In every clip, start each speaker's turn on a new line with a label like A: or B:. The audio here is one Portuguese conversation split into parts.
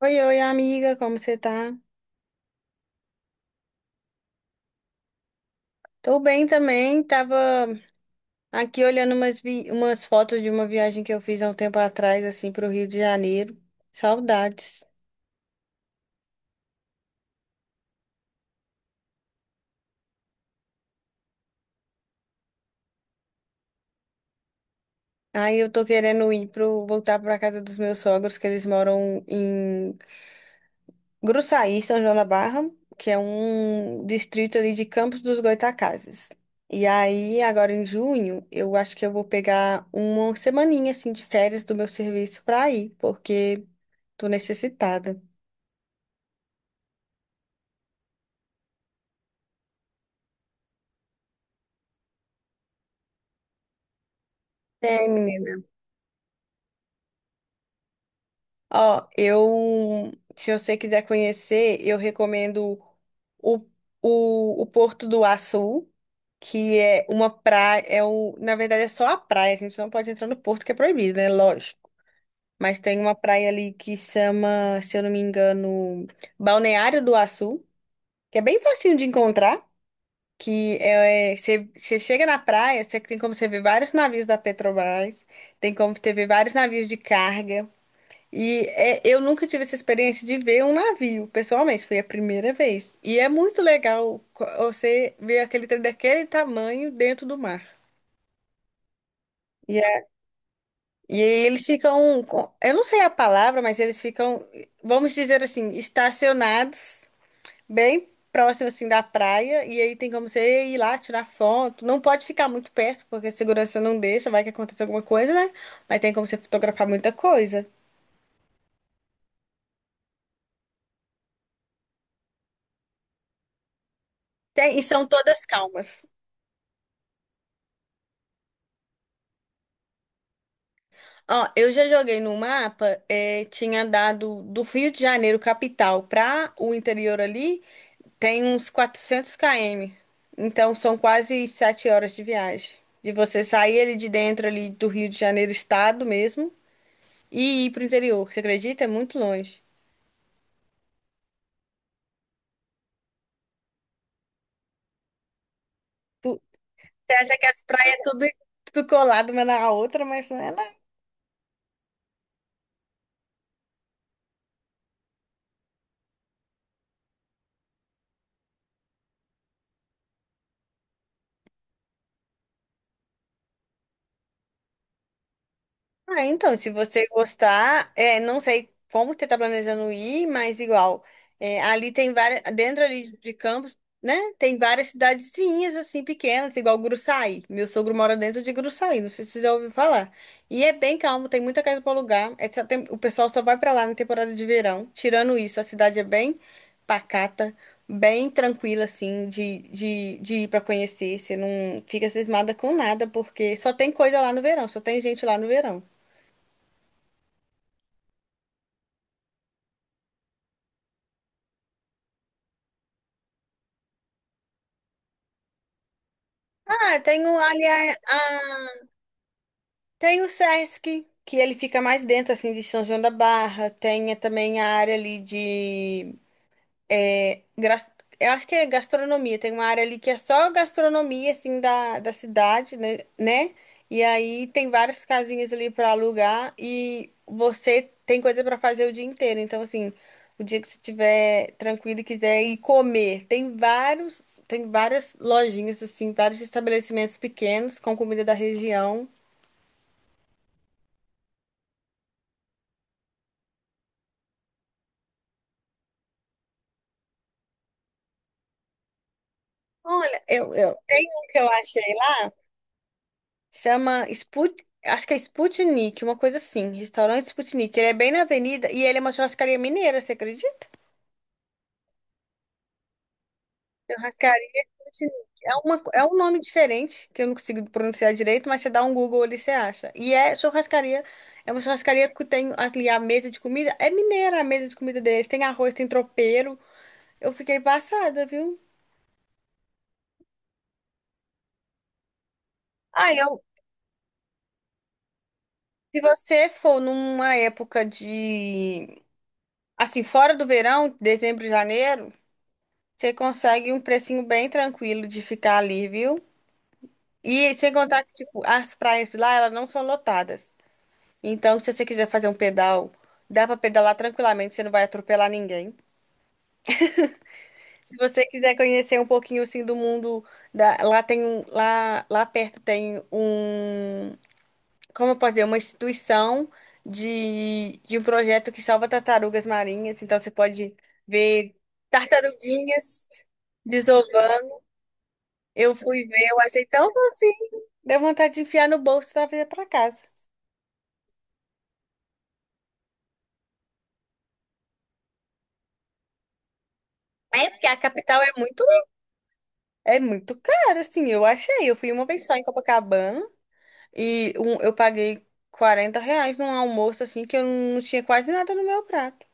A: Oi, oi, amiga, como você tá? Tô bem também, tava aqui olhando umas fotos de uma viagem que eu fiz há um tempo atrás, assim, pro Rio de Janeiro. Saudades. Aí eu tô querendo ir voltar pra casa dos meus sogros, que eles moram em Gruçaí, São João da Barra, que é um distrito ali de Campos dos Goytacazes. E aí, agora em junho, eu acho que eu vou pegar uma semaninha, assim, de férias do meu serviço pra ir, porque tô necessitada. É, menina. Ó, eu, se você quiser conhecer, eu recomendo o, o Porto do Açu, que é uma praia, na verdade é só a praia, a gente não pode entrar no porto que é proibido, né? Lógico. Mas tem uma praia ali que chama, se eu não me engano, Balneário do Açu, que é bem facinho de encontrar, que é, você chega na praia, você tem como você ver vários navios da Petrobras, tem como você ver vários navios de carga. E é, eu nunca tive essa experiência de ver um navio, pessoalmente, foi a primeira vez. E é muito legal você ver aquele trem daquele tamanho dentro do mar. E, a- e aí eles ficam, eu não sei a palavra, mas eles ficam, vamos dizer assim, estacionados bem próximo assim da praia. E aí tem como você ir lá tirar foto. Não pode ficar muito perto, porque a segurança não deixa, vai que acontece alguma coisa, né? Mas tem como você fotografar muita coisa. Tem, e são todas calmas. Ó, eu já joguei no mapa, tinha dado do Rio de Janeiro, capital, para o interior ali, tem uns 400 km. Então são quase 7 horas de viagem. De você sair ali de dentro ali do Rio de Janeiro, estado mesmo, e ir pro interior. Você acredita? É muito longe. Tu, você acha que as praias é tudo, tudo colado uma na outra, mas não é. Ah, então, se você gostar, não sei como você está planejando ir, mas igual, ali tem várias, dentro ali de Campos, né, tem várias cidadezinhas, assim, pequenas, igual Gruçaí. Meu sogro mora dentro de Gruçaí, não sei se você já ouviu falar. E é bem calmo, tem muita casa para alugar, o pessoal só vai para lá na temporada de verão. Tirando isso, a cidade é bem pacata, bem tranquila, assim, de ir para conhecer. Você não fica cismada com nada, porque só tem coisa lá no verão, só tem gente lá no verão. Aliás, tem o Sesc, que ele fica mais dentro, assim, de São João da Barra. Tem também a área ali de é, gra- eu acho que é gastronomia. Tem uma área ali que é só gastronomia, assim, da cidade, né? Né? E aí tem várias casinhas ali para alugar e você tem coisa para fazer o dia inteiro. Então, assim, o dia que você estiver tranquilo e quiser ir comer, tem várias lojinhas, assim, vários estabelecimentos pequenos com comida da região. Olha, eu tenho um que eu achei lá. Chama Sput... Acho que é Sputnik, uma coisa assim. Restaurante Sputnik. Ele é bem na avenida e ele é uma churrascaria mineira, você acredita? Churrascaria Sputnik. É um nome diferente, que eu não consigo pronunciar direito, mas você dá um Google ali, você acha. E é churrascaria. É uma churrascaria que tem ali a mesa de comida. É mineira a mesa de comida deles. Tem arroz, tem tropeiro. Eu fiquei passada, viu? Ah, eu. Se você for numa época de. Assim, fora do verão, dezembro, janeiro. Você consegue um precinho bem tranquilo de ficar ali, viu? E sem contar que, tipo, as praias de lá, elas não são lotadas. Então, se você quiser fazer um pedal, dá pra pedalar tranquilamente, você não vai atropelar ninguém. Se você quiser conhecer um pouquinho, assim, do mundo, lá tem um, lá perto tem um, como eu posso dizer, uma instituição de um projeto que salva tartarugas marinhas. Então, você pode ver tartaruguinhas desovando. Eu fui ver, eu achei tão. Deu vontade de enfiar no bolso e trazer pra casa. É, porque a capital é muito. É muito caro, assim, eu achei. Eu fui uma vez só em Copacabana e eu paguei R$ 40 num almoço, assim, que eu não tinha quase nada no meu prato.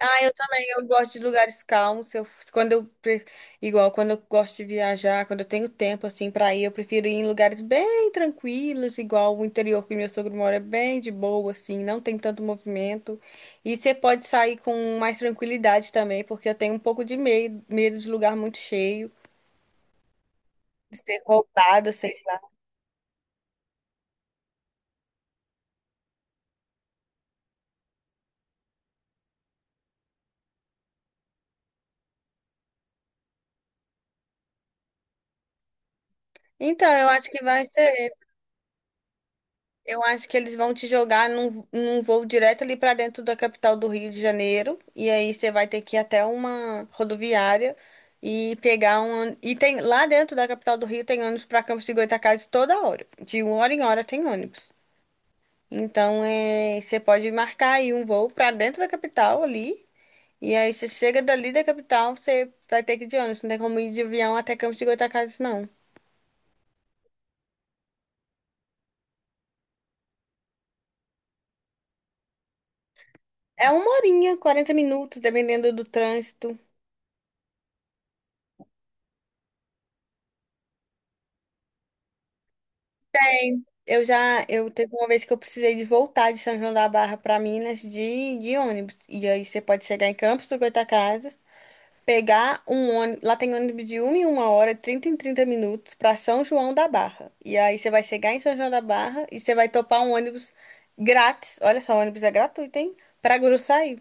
A: Ah, eu também, eu gosto de lugares calmos. Eu, quando eu, pre- igual, quando eu gosto de viajar, quando eu tenho tempo assim pra ir, eu prefiro ir em lugares bem tranquilos, igual o interior que meu sogro mora é bem de boa assim, não tem tanto movimento. E você pode sair com mais tranquilidade também, porque eu tenho um pouco de medo, medo de lugar muito cheio, de ser roubada, sei lá. Então, eu acho que vai ser. Eu acho que eles vão te jogar num voo direto ali pra dentro da capital do Rio de Janeiro. E aí você vai ter que ir até uma rodoviária e pegar um. E tem lá dentro da capital do Rio tem ônibus pra Campos de Goytacazes toda hora. De uma hora em hora tem ônibus. Então você pode marcar aí um voo pra dentro da capital ali. E aí você chega dali da capital, você vai ter que ir de ônibus. Não tem como ir de avião até Campos de Goytacazes, não. É uma horinha, 40 minutos, dependendo do trânsito. Eu já, eu teve uma vez que eu precisei de voltar de São João da Barra para Minas de ônibus. E aí você pode chegar em Campos do Goytacazes, pegar um ônibus, lá tem ônibus de uma em uma hora, de 30 em 30 minutos para São João da Barra. E aí você vai chegar em São João da Barra e você vai topar um ônibus grátis. Olha só, o ônibus é gratuito, hein? Para Guruçaí.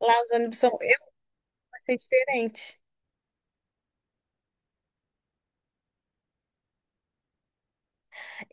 A: Lá os ônibus são, eu achei diferente.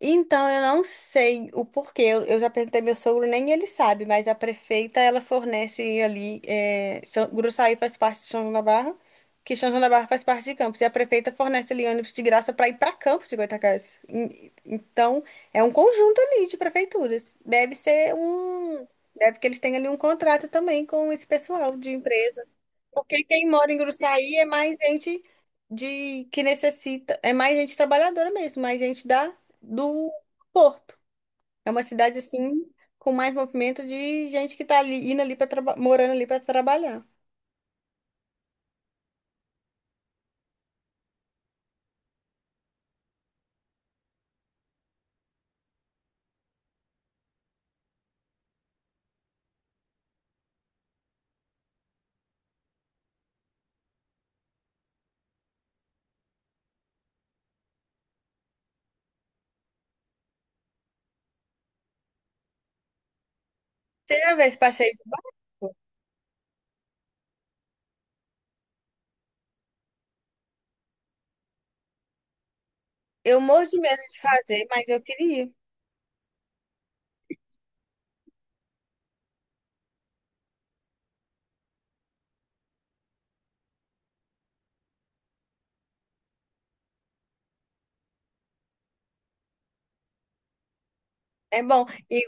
A: Então, eu não sei o porquê. Eu já perguntei meu sogro, nem ele sabe, mas a prefeita, ela fornece ali. Gruçaí faz parte de São João da Barra, que São João da Barra faz parte de Campos. E a prefeita fornece ali ônibus de graça para ir para Campos de Goytacazes. Então, é um conjunto ali de prefeituras. Deve ser um. Deve que eles têm ali um contrato também com esse pessoal de empresa. Porque quem mora em Gruçaí é mais gente de que necessita, é mais gente trabalhadora mesmo, mais gente da do Porto. É uma cidade assim com mais movimento de gente que tá ali indo ali para morando ali para trabalhar. Você já vê esse passeio de barco? Eu morro de medo de fazer, mas eu queria. É bom. E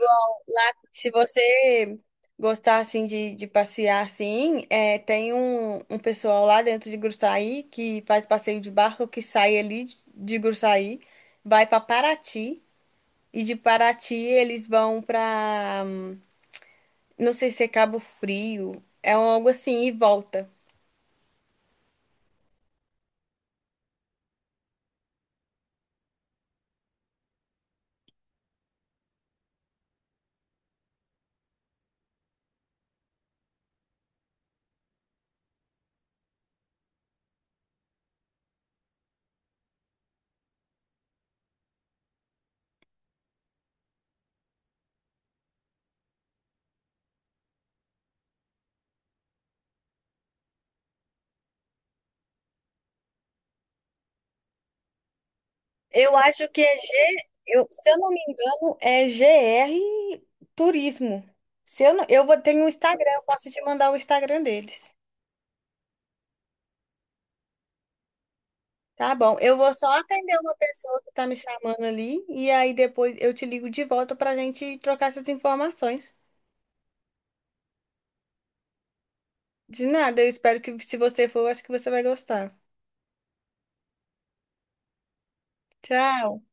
A: Se você gostar assim de passear assim, tem um pessoal lá dentro de Gruçaí que faz passeio de barco que sai ali de Gruçaí, vai para Paraty e de Paraty eles vão para não sei se é Cabo Frio, é algo assim e volta. Eu acho que é eu, se eu não me engano, é GR Turismo. Se eu, não, tenho um Instagram. Eu posso te mandar o Instagram deles. Tá bom. Eu vou só atender uma pessoa que tá me chamando ali e aí depois eu te ligo de volta pra gente trocar essas informações. De nada, eu espero que se você for, eu acho que você vai gostar. Tchau.